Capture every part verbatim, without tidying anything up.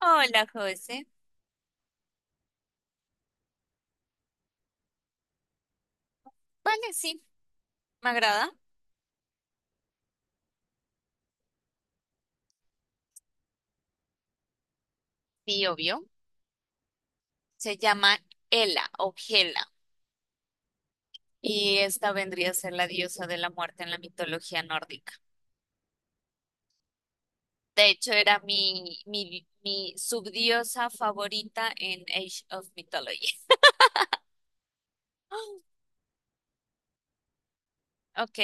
Hola, José. Vale, sí, me agrada. Sí, obvio. Se llama Hela o Hela. Y esta vendría a ser la diosa de la muerte en la mitología nórdica. De hecho, era mi, mi, mi subdiosa favorita en Age of Mythology. Ah, ok.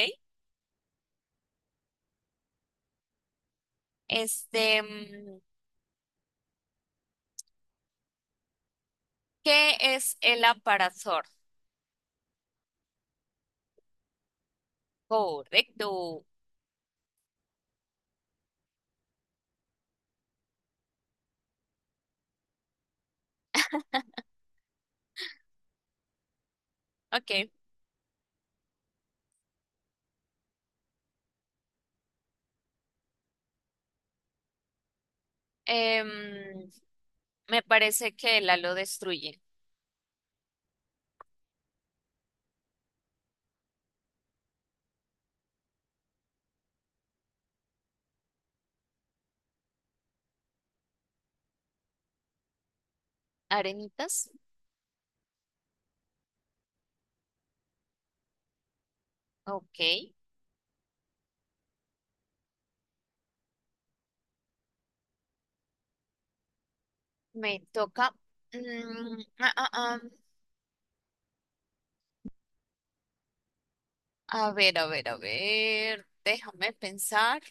Este, mm, ¿qué es Hela para Thor? Correcto. Ok. Em, Me parece que Hela lo destruye. ¿Arenitas? Ok. Me toca. mm, ah, ah, ah, A ver, a ver, a ver. Déjame pensar.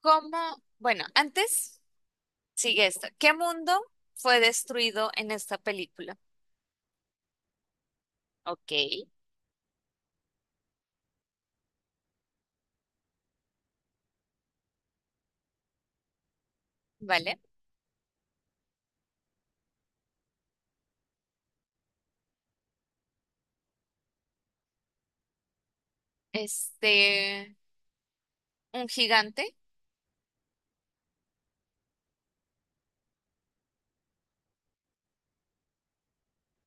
¿Cómo? Bueno, antes sigue esto. ¿Qué mundo fue destruido en esta película? Ok, vale. Este, un gigante.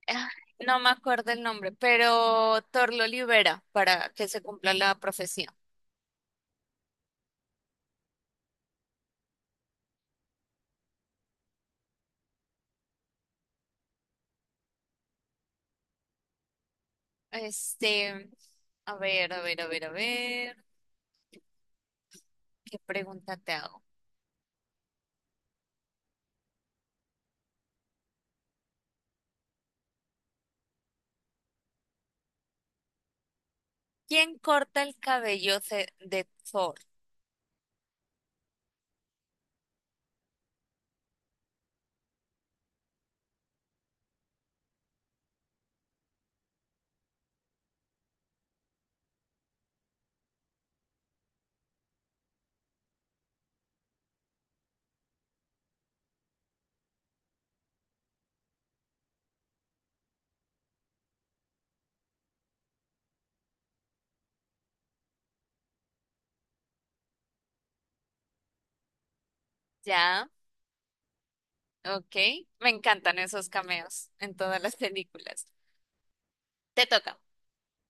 Ah, No me acuerdo el nombre, pero Thor lo libera para que se cumpla la profecía. Este, a ver, a ver, a ver, a ver. ¿Qué pregunta te hago? ¿Quién corta el cabello ce- de Thor? Ya, ok. Me encantan esos cameos en todas las películas. Te toca.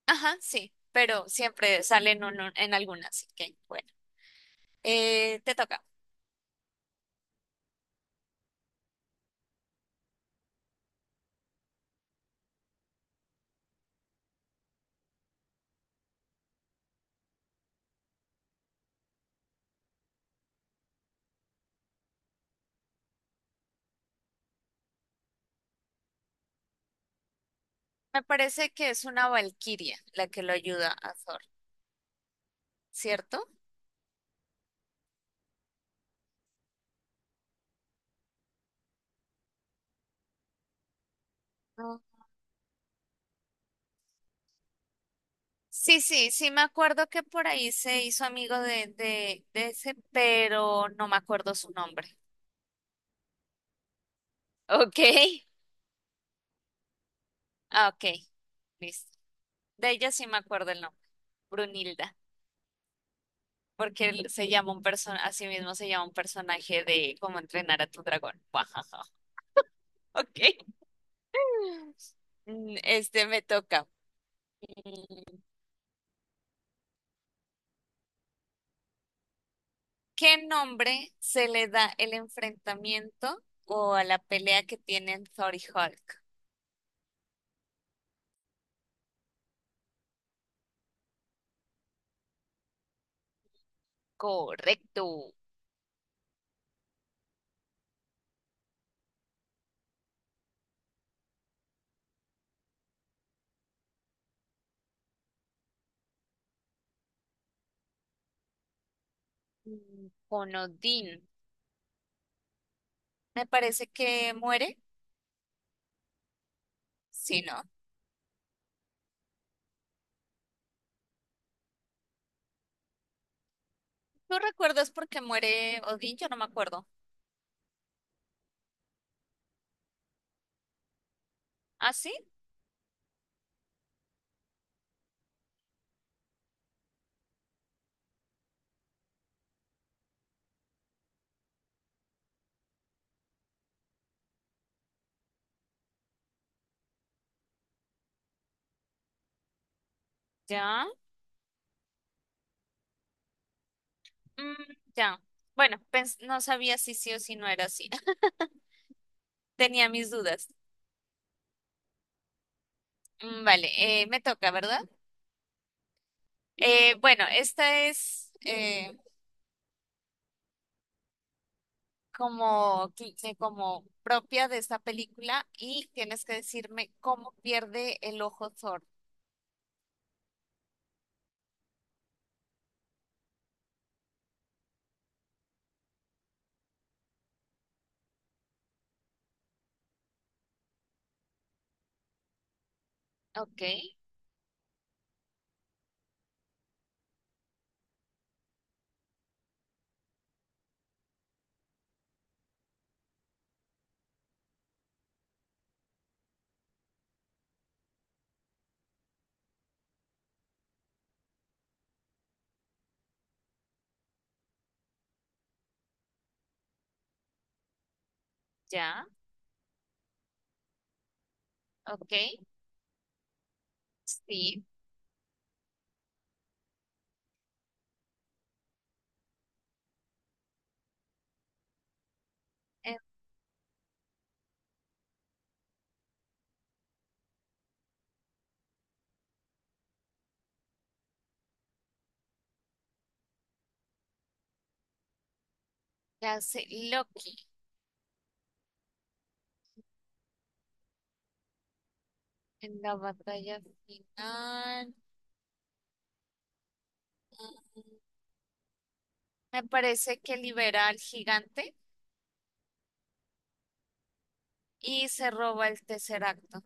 Ajá, sí, pero siempre salen en, un- en algunas, así que bueno. Eh, te toca. Me parece que es una valquiria la que lo ayuda a Thor, ¿cierto? Mm. Sí, sí, sí, me acuerdo que por ahí se hizo amigo de, de, de ese, pero no me acuerdo su nombre. Ok. Ah, ok, listo. De ella sí me acuerdo el nombre. Brunilda, porque él se llama un persona, así mismo se llama un personaje de cómo entrenar a tu dragón. Guajaja. Ok. Mm, Este me toca. Mm, ¿Qué nombre se le da el enfrentamiento o a la pelea que tienen Thor y Hulk? Correcto. Mm, Con Odín. Me parece que muere. Sí, ¿no? ¿Tú recuerdas por qué muere Odín? Yo no me acuerdo. ¿Ah, sí? Ya. Mm, ya. Bueno, pens- no sabía si sí o si no era así. Tenía mis dudas. Mm, Vale, eh, me toca, ¿verdad? Eh, bueno, esta es eh, como, cl- eh, como propia de esta película y tienes que decirme cómo pierde el ojo Thor. Ok, ya, ok, sí. Eh, ¿qué hace Loki en la batalla final? Mm, Me parece que libera al gigante y se roba el tercer acto.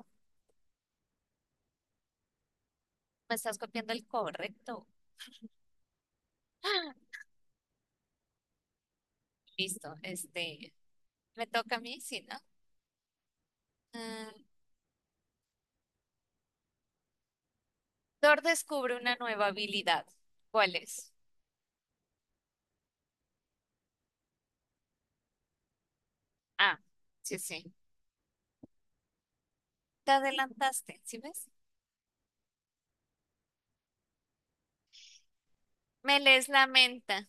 Me estás copiando el correcto. Listo, este, me toca a mí, sí, ¿no? Mm, Thor descubre una nueva habilidad. ¿Cuál es? Ah, sí, sí. Te adelantaste, ¿sí ves? Me lees la menta.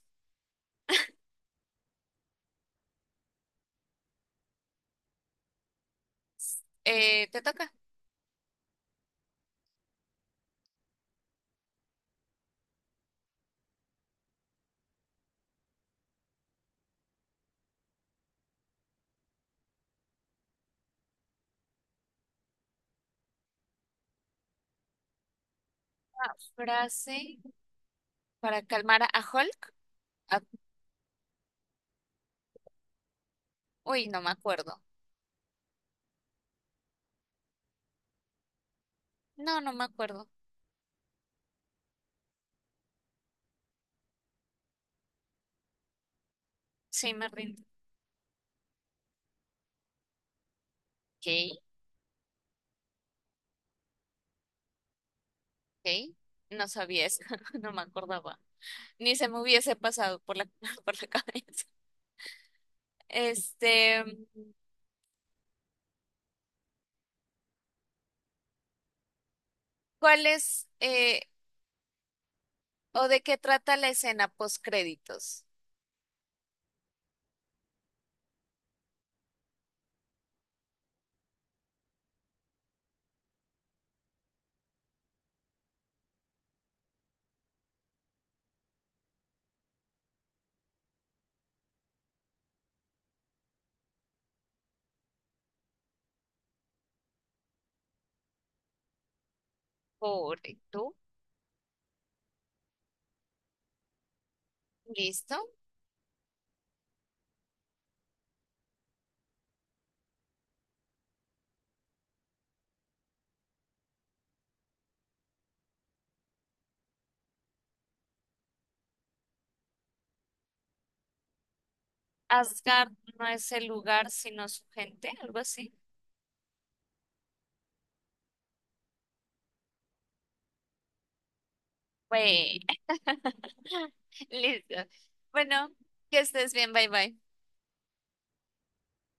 Eh, ¿te toca? Una frase para calmar a Hulk. A- Uy, no me acuerdo. No, no me acuerdo. Sí, me rindo. Ok, ok. No sabía eso, no me acordaba. Ni se me hubiese pasado por la, por la cabeza. Este, ¿cuál es eh, o de qué trata la escena post créditos? Correcto. Listo. Asgard no es el lugar, sino su gente, algo así. Bueno. Listo. Bueno, que estés bien. Bye bye.